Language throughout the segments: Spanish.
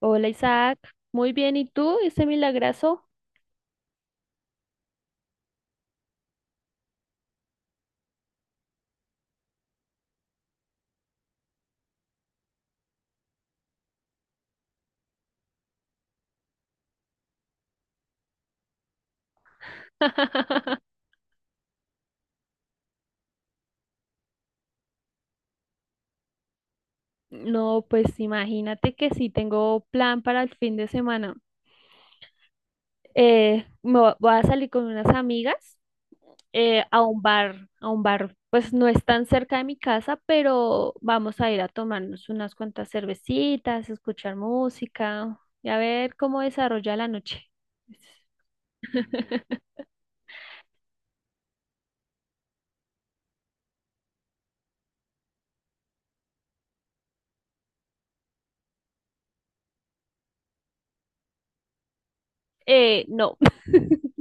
Hola Isaac, muy bien, ¿y tú, ese milagrazo? No, pues imagínate que sí tengo plan para el fin de semana. Voy a salir con unas amigas a un bar, pues no es tan cerca de mi casa, pero vamos a ir a tomarnos unas cuantas cervecitas, escuchar música y a ver cómo desarrolla la noche. No,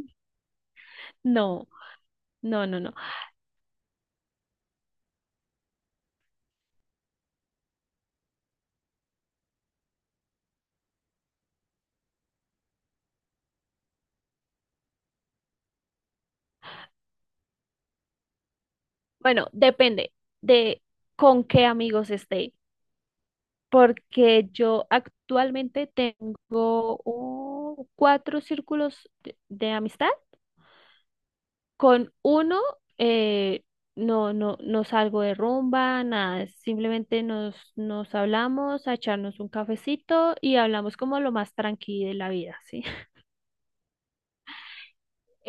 no, no, no, no. Bueno, depende de con qué amigos esté, porque yo actualmente tengo cuatro círculos de amistad. Con uno eh, no, no, no salgo de rumba, nada, simplemente nos hablamos a echarnos un cafecito y hablamos como lo más tranquilo de la vida, ¿sí?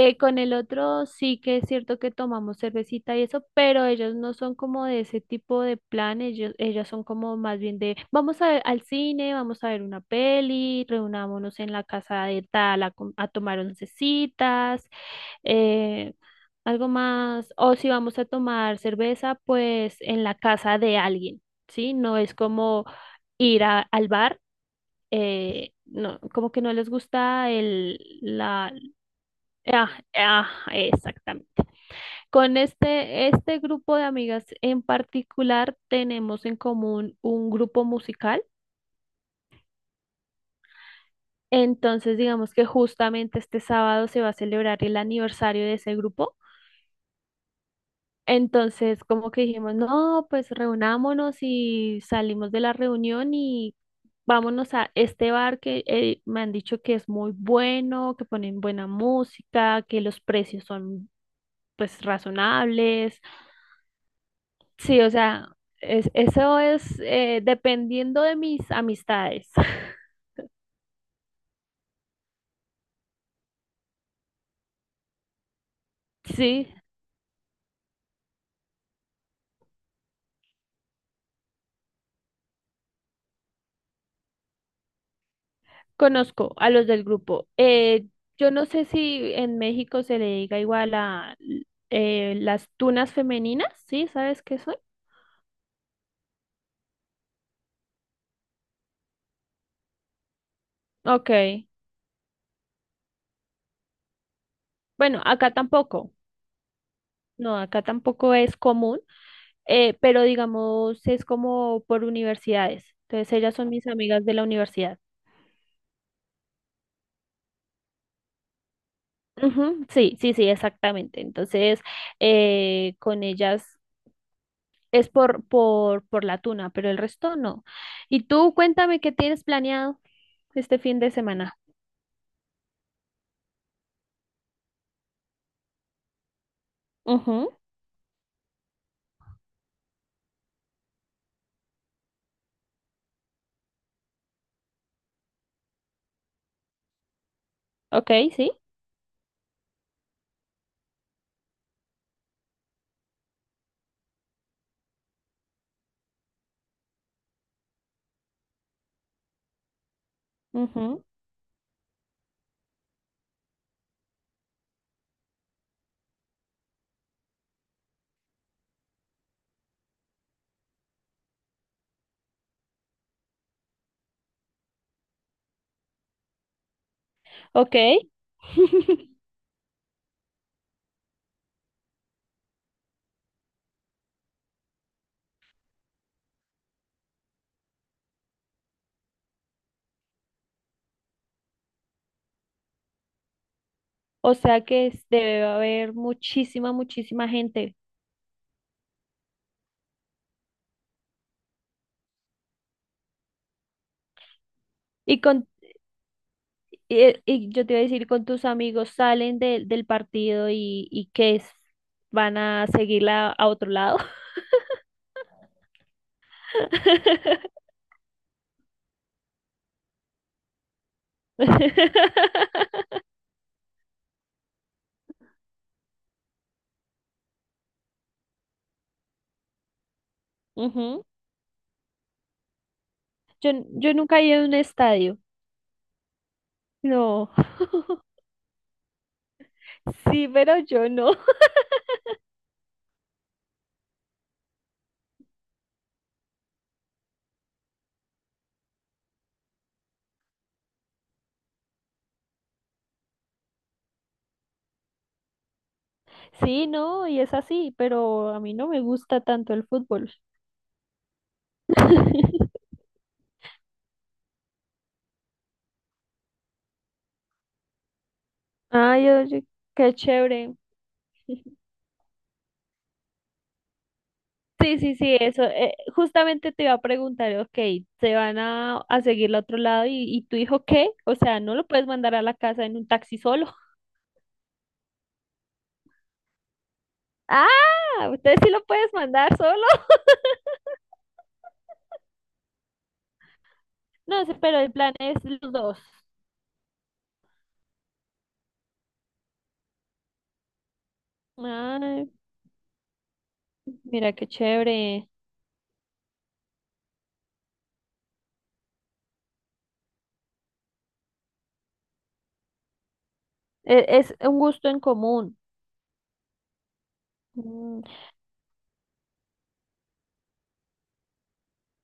Con el otro sí que es cierto que tomamos cervecita y eso, pero ellos no son como de ese tipo de plan, ellos, ellas son como más bien de vamos a ver al cine, vamos a ver una peli, reunámonos en la casa de tal a, a tomar oncecitas, eh, algo más, o si vamos a tomar cerveza, pues en la casa de alguien, ¿sí? No es como ir al bar. Eh, no, como que no les gusta el... Ah, ah, exactamente. Con este grupo de amigas en particular tenemos en común un grupo musical. Entonces, digamos que justamente este sábado se va a celebrar el aniversario de ese grupo. Entonces, como que dijimos, no, pues reunámonos y salimos de la reunión y vámonos a este bar que me han dicho que es muy bueno, que ponen buena música, que los precios son pues razonables. Sí, o sea, es, eso es dependiendo de mis amistades. Sí, conozco a los del grupo. Yo no sé si en México se le diga igual a las tunas femeninas, ¿sí? ¿Sabes qué son? Ok. Bueno, acá tampoco. No, acá tampoco es común, pero digamos es como por universidades. Entonces ellas son mis amigas de la universidad. Ujú, sí, sí, sí, exactamente. Entonces, con ellas es por la tuna, pero el resto no. Y tú cuéntame qué tienes planeado este fin de semana. Ujú, ok, sí. Ujú, ok. O sea que debe haber muchísima, muchísima gente. Y con y yo te iba a decir, con tus amigos salen del partido y qué es, van a seguirla a otro lado. Ujú. Yo nunca he ido a un estadio. No. Sí, pero yo no. Sí, no, y es así, pero a mí no me gusta tanto el fútbol. Ay, oye, qué chévere. Sí, sí, sí, eso. Justamente te iba a preguntar, ok, ¿se van a seguir al otro lado? Y tu hijo qué? O sea, ¿no lo puedes mandar a la casa en un taxi solo? Ah, usted sí lo puedes mandar solo. No sé, pero el plan es los dos. Ay, mira qué chévere. Es un gusto en común. Mm.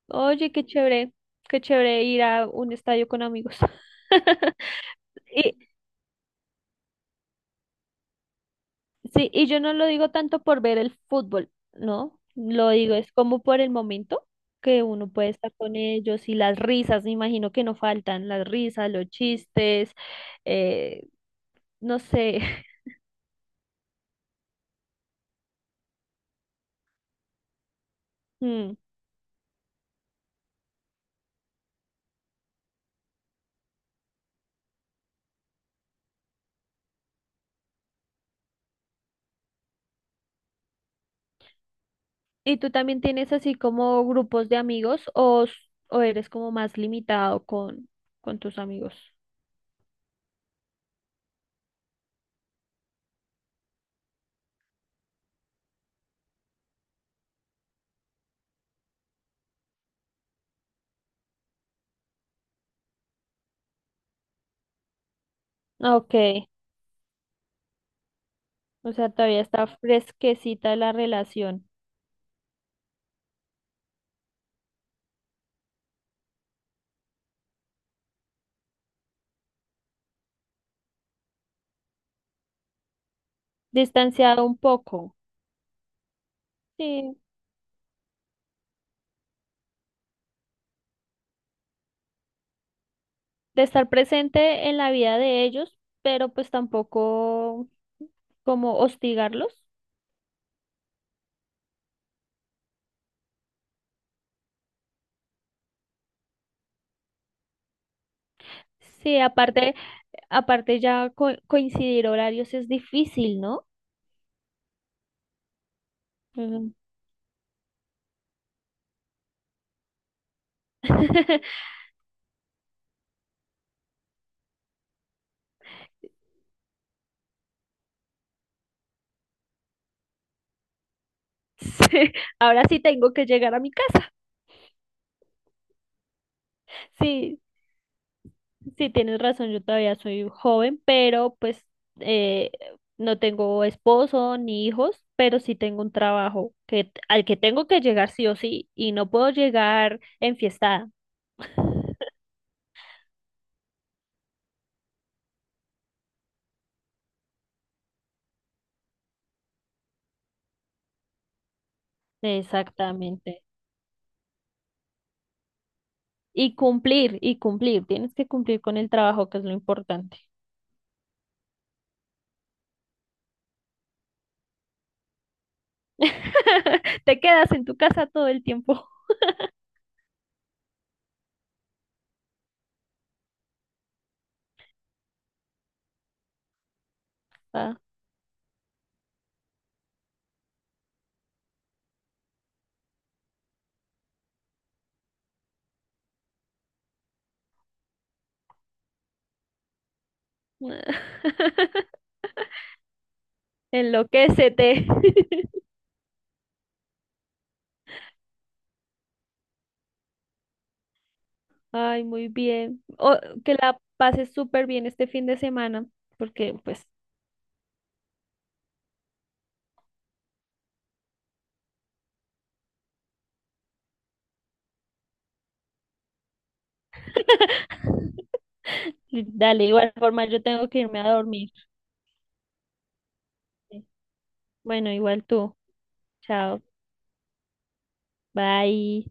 Oye, qué chévere ir a un estadio con amigos. Y sí, y yo no lo digo tanto por ver el fútbol, ¿no? Lo digo, es como por el momento que uno puede estar con ellos y las risas, me imagino que no faltan, las risas, los chistes, eh, no sé. Mm. ¿Y tú también tienes así como grupos de amigos o, o eres como más limitado con tus amigos? Ok, o sea, todavía está fresquecita la relación. Distanciado un poco, sí, de estar presente en la vida de ellos, pero pues tampoco como hostigarlos. Sí, aparte, aparte ya coincidir horarios es difícil, ¿no? Ujú. Sí, ahora sí tengo que llegar a mi casa. Sí, sí, tienes razón, yo todavía soy joven, pero pues eh, no tengo esposo ni hijos, pero sí tengo un trabajo que, al que tengo que llegar sí o sí, y no puedo llegar enfiestada. Exactamente. Y cumplir, tienes que cumplir con el trabajo, que es lo importante. Te quedas en tu casa todo el tiempo. Ah. Enloquécete. Ay, muy bien. O, que la pases súper bien este fin de semana, porque pues, dale, igual forma yo tengo que irme a dormir. Bueno, igual tú. Chao. Bye.